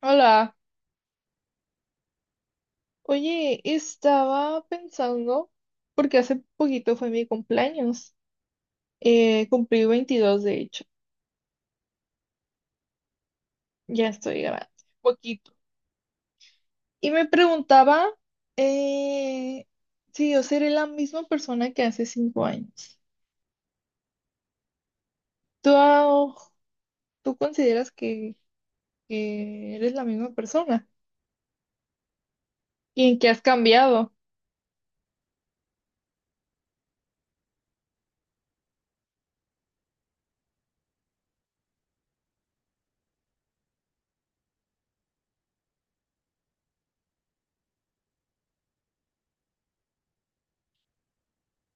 Hola, oye, estaba pensando, porque hace poquito fue mi cumpleaños, cumplí 22 de hecho, ya estoy grande, poquito. Y me preguntaba eh, si yo seré la misma persona que hace 5 años. ¿Tú, ah, tú consideras que eres la misma persona? ¿Y en qué has cambiado?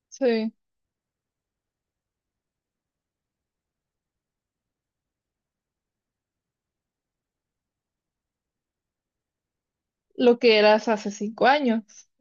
Sí, lo que eras hace 5 años.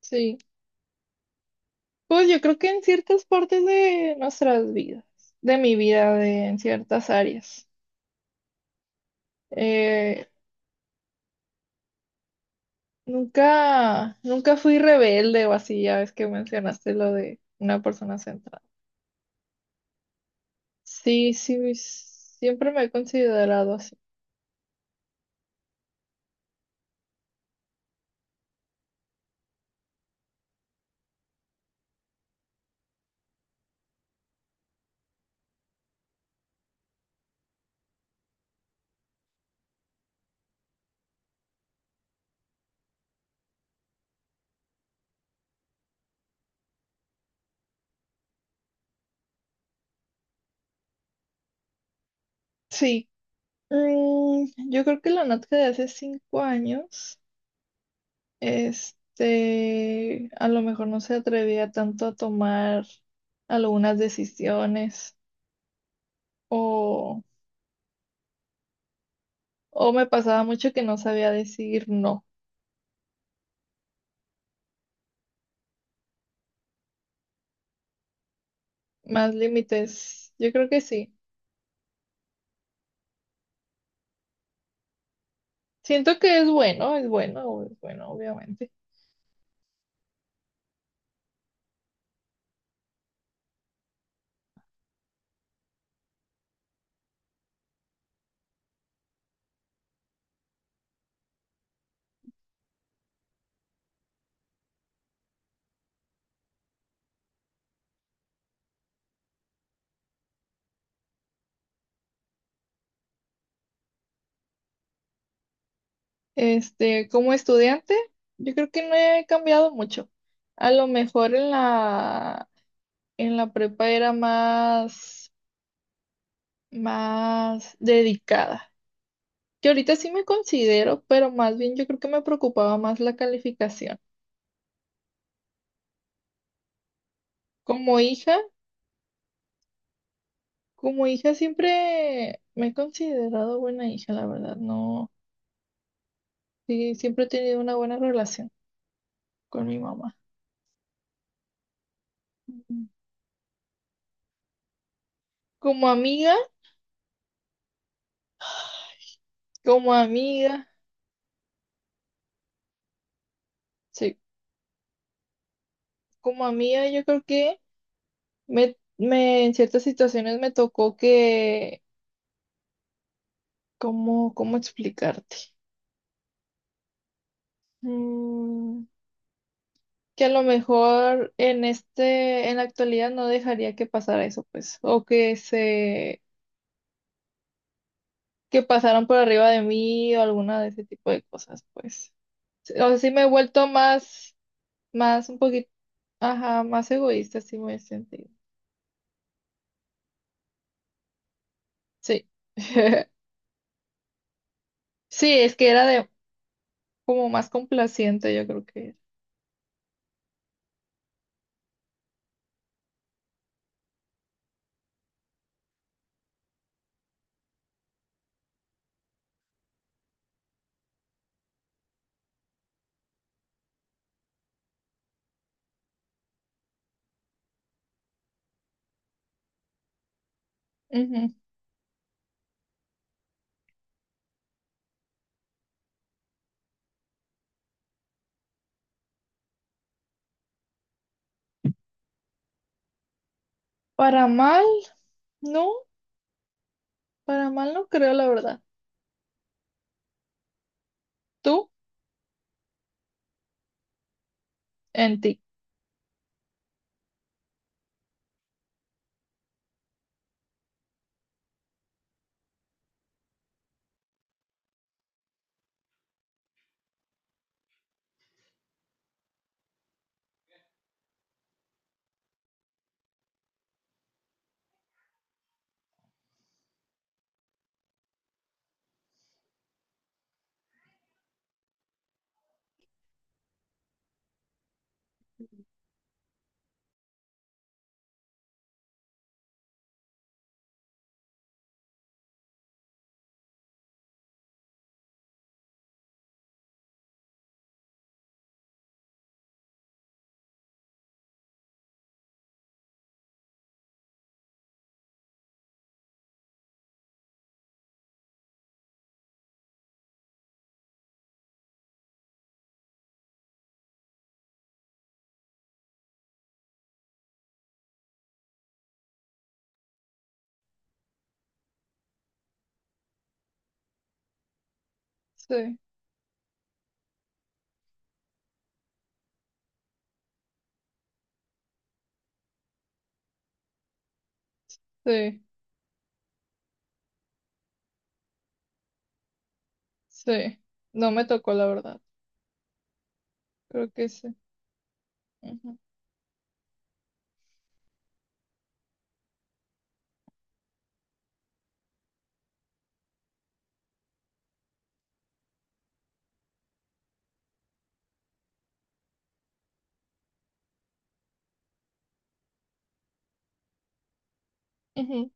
Sí. Pues yo creo que en ciertas partes de nuestras vidas, de mi vida, en ciertas áreas. Eh, nunca, nunca fui rebelde o así, ya ves que mencionaste lo de una persona centrada. Sí, sí, siempre me he considerado así. Sí, yo creo que la Natca de hace 5 años, este, a lo mejor no se atrevía tanto a tomar algunas decisiones. o... O me pasaba mucho que no sabía decir no. Más límites, yo creo que sí. Siento que es bueno, es bueno, es bueno, obviamente. Este, como estudiante, yo creo que no he cambiado mucho. A lo mejor en la prepa era más dedicada. Que ahorita sí me considero, pero más bien yo creo que me preocupaba más la calificación. Como hija, Como hija siempre me he considerado buena hija, la verdad, no. Sí, siempre he tenido una buena relación con mi mamá. Ujú. Como amiga, como amiga, sí, como amiga yo creo que me en ciertas situaciones me tocó que, ¿cómo explicarte? Mm, que a lo mejor en la actualidad no dejaría que pasara eso, pues, que pasaran por arriba de mí o alguna de ese tipo de cosas, pues. Sí, o sea, sí me he vuelto más, un poquito, ajá, más egoísta, sí me he sentido. Sí. Sí, es que era de como más complaciente, yo creo que era. Ujú. Para mal, no, para mal no creo, la verdad. Tú en ti. Sí, sí, sí. No me tocó, la verdad. Creo que sí. Ujú, ujú.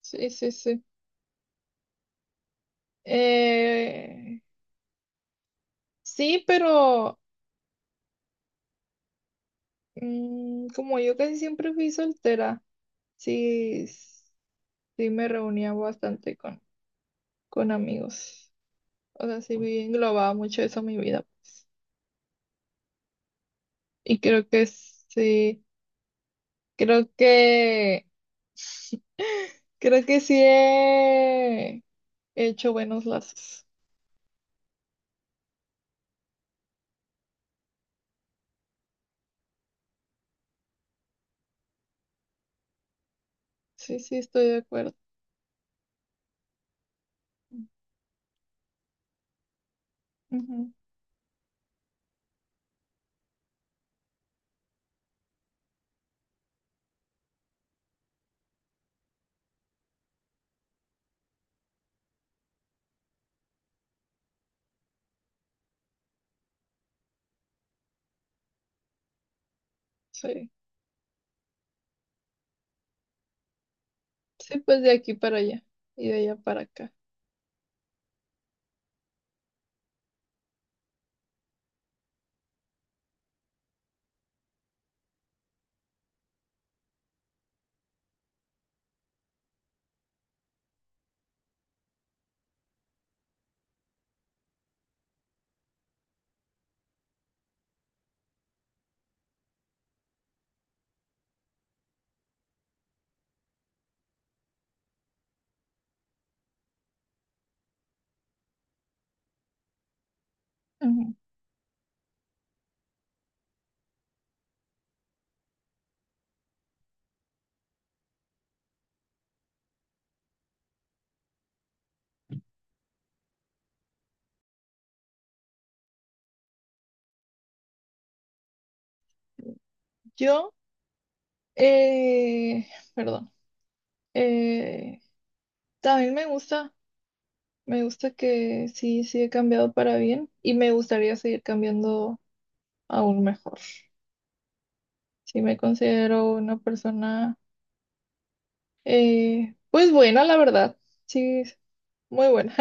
Sí, sí, sí. Eh, sí, pero como yo casi siempre fui soltera, sí. Sí me reunía bastante con, amigos. O sea, sí englobaba mucho eso en mi vida, pues. Y creo que sí, creo que, creo que sí he hecho buenos lazos. Sí, sí, estoy de acuerdo. Ujú, sí. Sí, pues de aquí para allá y de allá para acá. Ujú. Yo, eh, perdón, eh, también me gusta, que sí, he cambiado para bien y me gustaría seguir cambiando aún mejor. Sí me considero una persona, pues buena, la verdad. Sí, muy buena.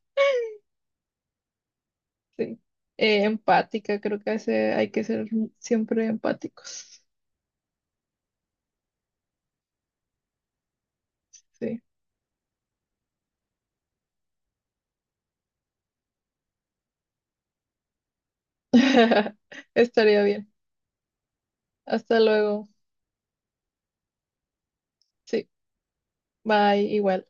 Sí. Empática, creo que hay que ser siempre empáticos. Sí. Estaría bien. Hasta luego. Sí, bye, igual.